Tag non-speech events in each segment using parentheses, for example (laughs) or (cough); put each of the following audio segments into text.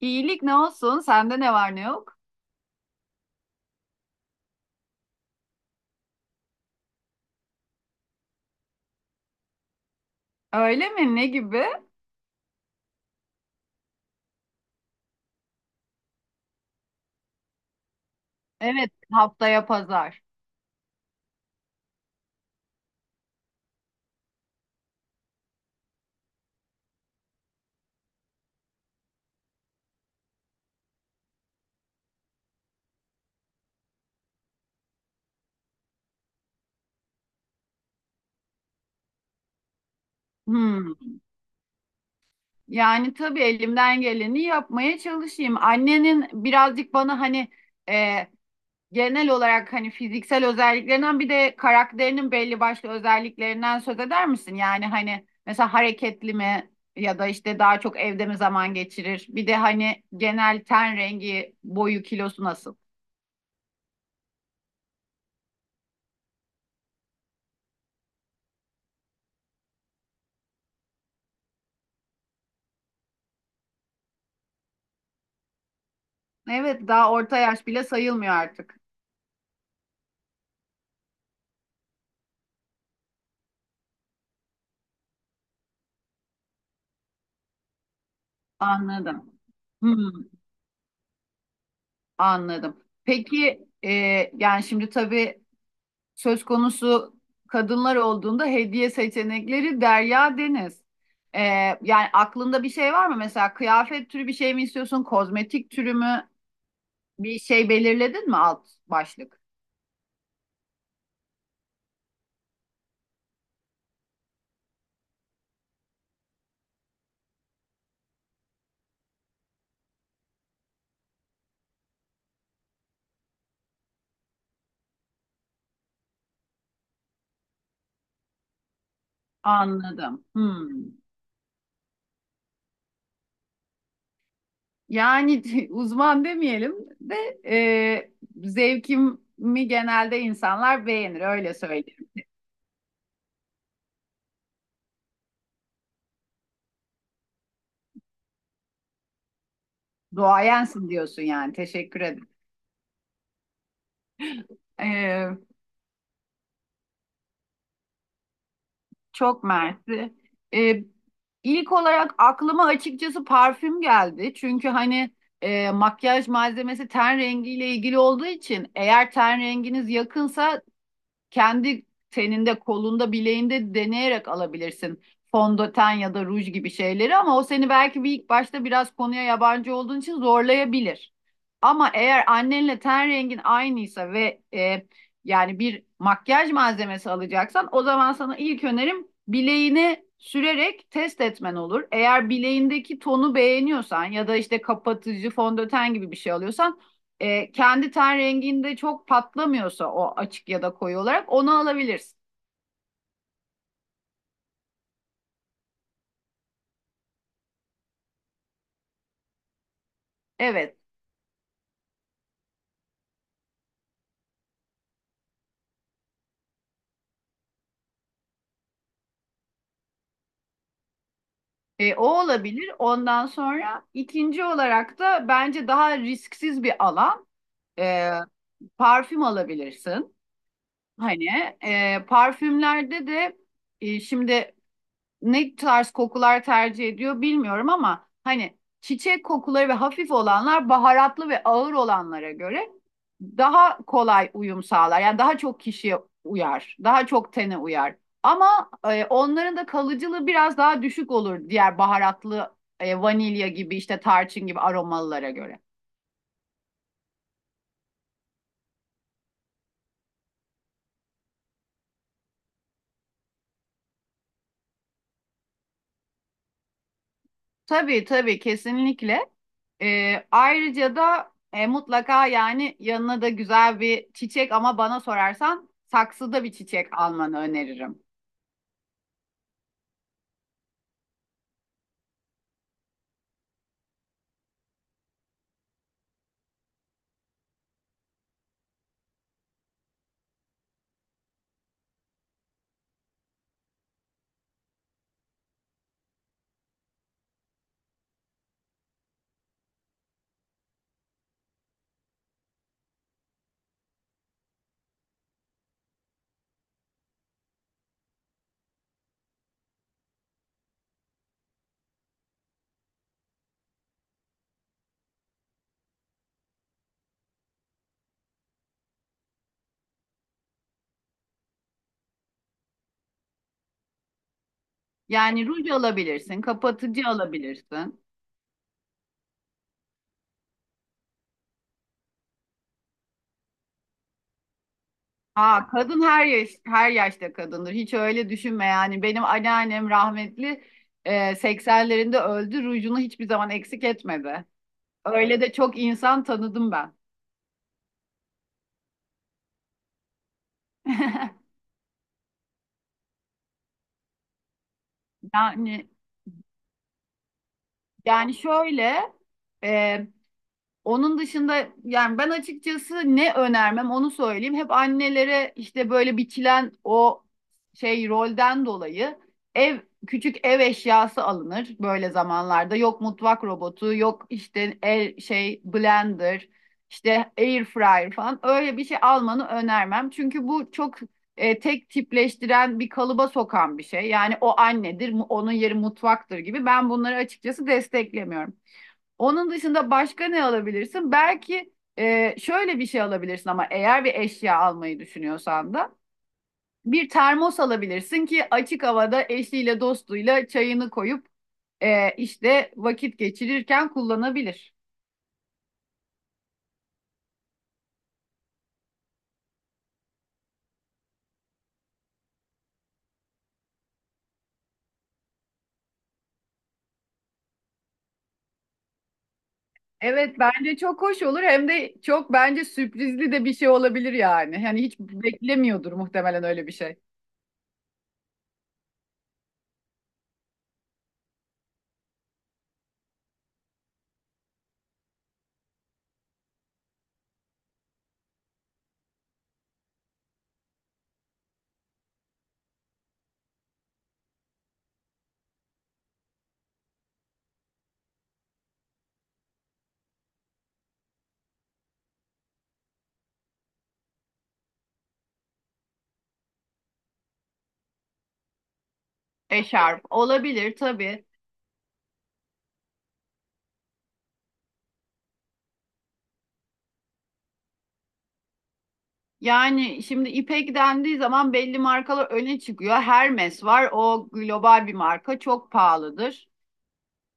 İyilik ne olsun? Sende ne var ne yok? Öyle mi? Ne gibi? Evet, haftaya pazar. Hmm. Yani tabii elimden geleni yapmaya çalışayım. Annenin birazcık bana hani e, genel olarak hani fiziksel özelliklerinden bir de karakterinin belli başlı özelliklerinden söz eder misin? Yani hani mesela hareketli mi ya da işte daha çok evde mi zaman geçirir? Bir de hani genel ten rengi, boyu, kilosu nasıl? Evet, daha orta yaş bile sayılmıyor artık. Anladım. Hmm, anladım. Peki yani şimdi tabii söz konusu kadınlar olduğunda hediye seçenekleri derya deniz. E, yani aklında bir şey var mı? Mesela kıyafet türü bir şey mi istiyorsun? Kozmetik türü mü? Bir şey belirledin mi alt başlık? Anladım. Hmm. Yani (laughs) uzman demeyelim de e, zevkimi genelde insanlar beğenir, öyle söyleyeyim. Duayensin diyorsun yani. Teşekkür ederim. Ee, çok mersi. Ee, ilk olarak aklıma açıkçası parfüm geldi. Çünkü hani makyaj malzemesi ten rengiyle ilgili olduğu için eğer ten renginiz yakınsa kendi teninde, kolunda, bileğinde deneyerek alabilirsin. Fondöten ya da ruj gibi şeyleri, ama o seni belki bir ilk başta biraz konuya yabancı olduğun için zorlayabilir. Ama eğer annenle ten rengin aynıysa ve yani bir makyaj malzemesi alacaksan, o zaman sana ilk önerim bileğini sürerek test etmen olur. Eğer bileğindeki tonu beğeniyorsan ya da işte kapatıcı fondöten gibi bir şey alıyorsan kendi ten renginde çok patlamıyorsa o açık ya da koyu olarak onu alabilirsin. Evet. E, o olabilir. Ondan sonra ikinci olarak da bence daha risksiz bir alan, e, parfüm alabilirsin. Hani parfümlerde de şimdi ne tarz kokular tercih ediyor bilmiyorum, ama hani çiçek kokuları ve hafif olanlar baharatlı ve ağır olanlara göre daha kolay uyum sağlar. Yani daha çok kişiye uyar, daha çok tene uyar. Ama onların da kalıcılığı biraz daha düşük olur diğer baharatlı vanilya gibi işte tarçın gibi aromalılara göre. Tabii tabii kesinlikle. Ayrıca da mutlaka yani yanına da güzel bir çiçek, ama bana sorarsan saksıda bir çiçek almanı öneririm. Yani ruj alabilirsin, kapatıcı alabilirsin. Aa, kadın her yaş, her yaşta kadındır. Hiç öyle düşünme yani. Benim anneannem rahmetli 80'lerinde öldü. Rujunu hiçbir zaman eksik etmedi. Öyle de çok insan tanıdım ben. (laughs) Yani yani şöyle e, Onun dışında yani ben açıkçası ne önermem onu söyleyeyim. Hep annelere işte böyle biçilen o şey rolden dolayı ev, küçük ev eşyası alınır böyle zamanlarda. Yok mutfak robotu, yok işte el şey blender, işte air fryer falan öyle bir şey almanı önermem. Çünkü bu çok tek tipleştiren, bir kalıba sokan bir şey. Yani o annedir, mu- onun yeri mutfaktır gibi. Ben bunları açıkçası desteklemiyorum. Onun dışında başka ne alabilirsin? Belki şöyle bir şey alabilirsin, ama eğer bir eşya almayı düşünüyorsan da bir termos alabilirsin ki açık havada eşiyle dostuyla çayını koyup işte vakit geçirirken kullanabilir. Evet, bence çok hoş olur, hem de çok bence sürprizli de bir şey olabilir yani. Hani hiç beklemiyordur muhtemelen öyle bir şey. Eşarp olabilir tabii. Yani şimdi İpek dendiği zaman belli markalar öne çıkıyor. Hermes var. O global bir marka. Çok pahalıdır.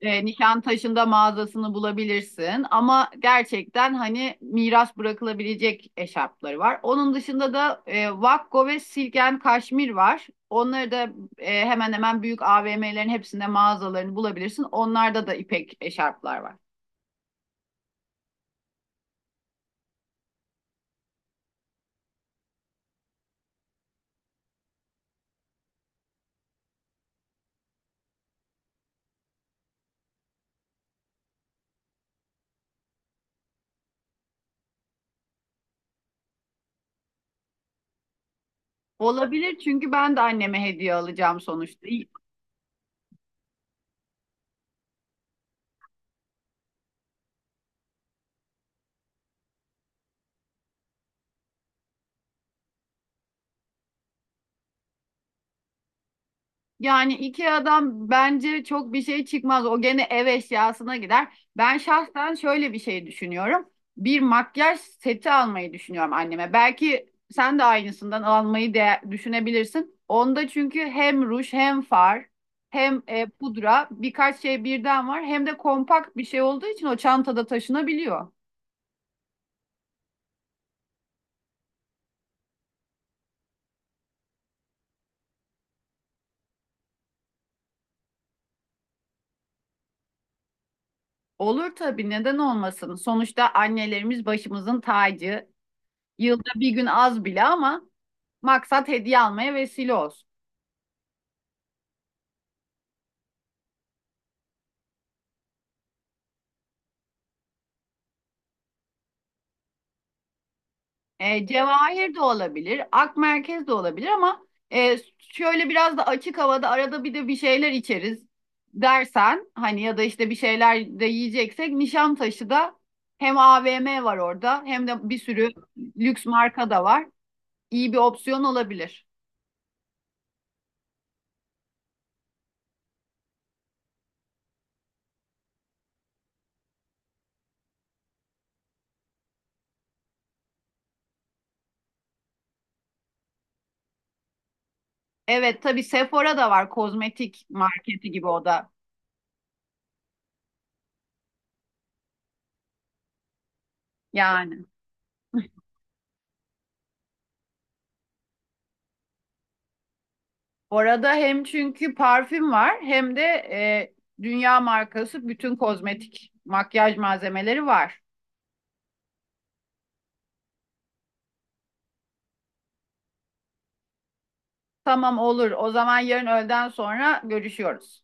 E, Nişantaşı'nda mağazasını bulabilirsin. Ama gerçekten hani miras bırakılabilecek eşarpları var. Onun dışında da Vakko ve Silk and Kashmir var. Onları da hemen hemen büyük AVM'lerin hepsinde mağazalarını bulabilirsin. Onlarda da İpek eşarplar var. Olabilir, çünkü ben de anneme hediye alacağım sonuçta. İyi- Yani IKEA'dan bence çok bir şey çıkmaz. O gene ev eşyasına gider. Ben şahsen şöyle bir şey düşünüyorum. Bir makyaj seti almayı düşünüyorum anneme. Belki sen de aynısından almayı de düşünebilirsin. Onda çünkü hem ruj, hem far, hem pudra, birkaç şey birden var. Hem de kompakt bir şey olduğu için o çantada taşınabiliyor. Olur tabii, neden olmasın. Sonuçta annelerimiz başımızın tacı. Yılda bir gün az bile ama maksat hediye almaya vesile olsun. E, Cevahir de olabilir, ak merkez de olabilir, ama şöyle biraz da açık havada arada bir de bir şeyler içeriz dersen hani, ya da işte bir şeyler de yiyeceksek, Nişantaşı da hem AVM var orada, hem de bir sürü lüks marka da var. İyi bir opsiyon olabilir. Evet tabii Sephora da var, kozmetik marketi gibi o da yani. Orada hem çünkü parfüm var, hem de dünya markası bütün kozmetik makyaj malzemeleri var. Tamam, olur. O zaman yarın öğleden sonra görüşüyoruz.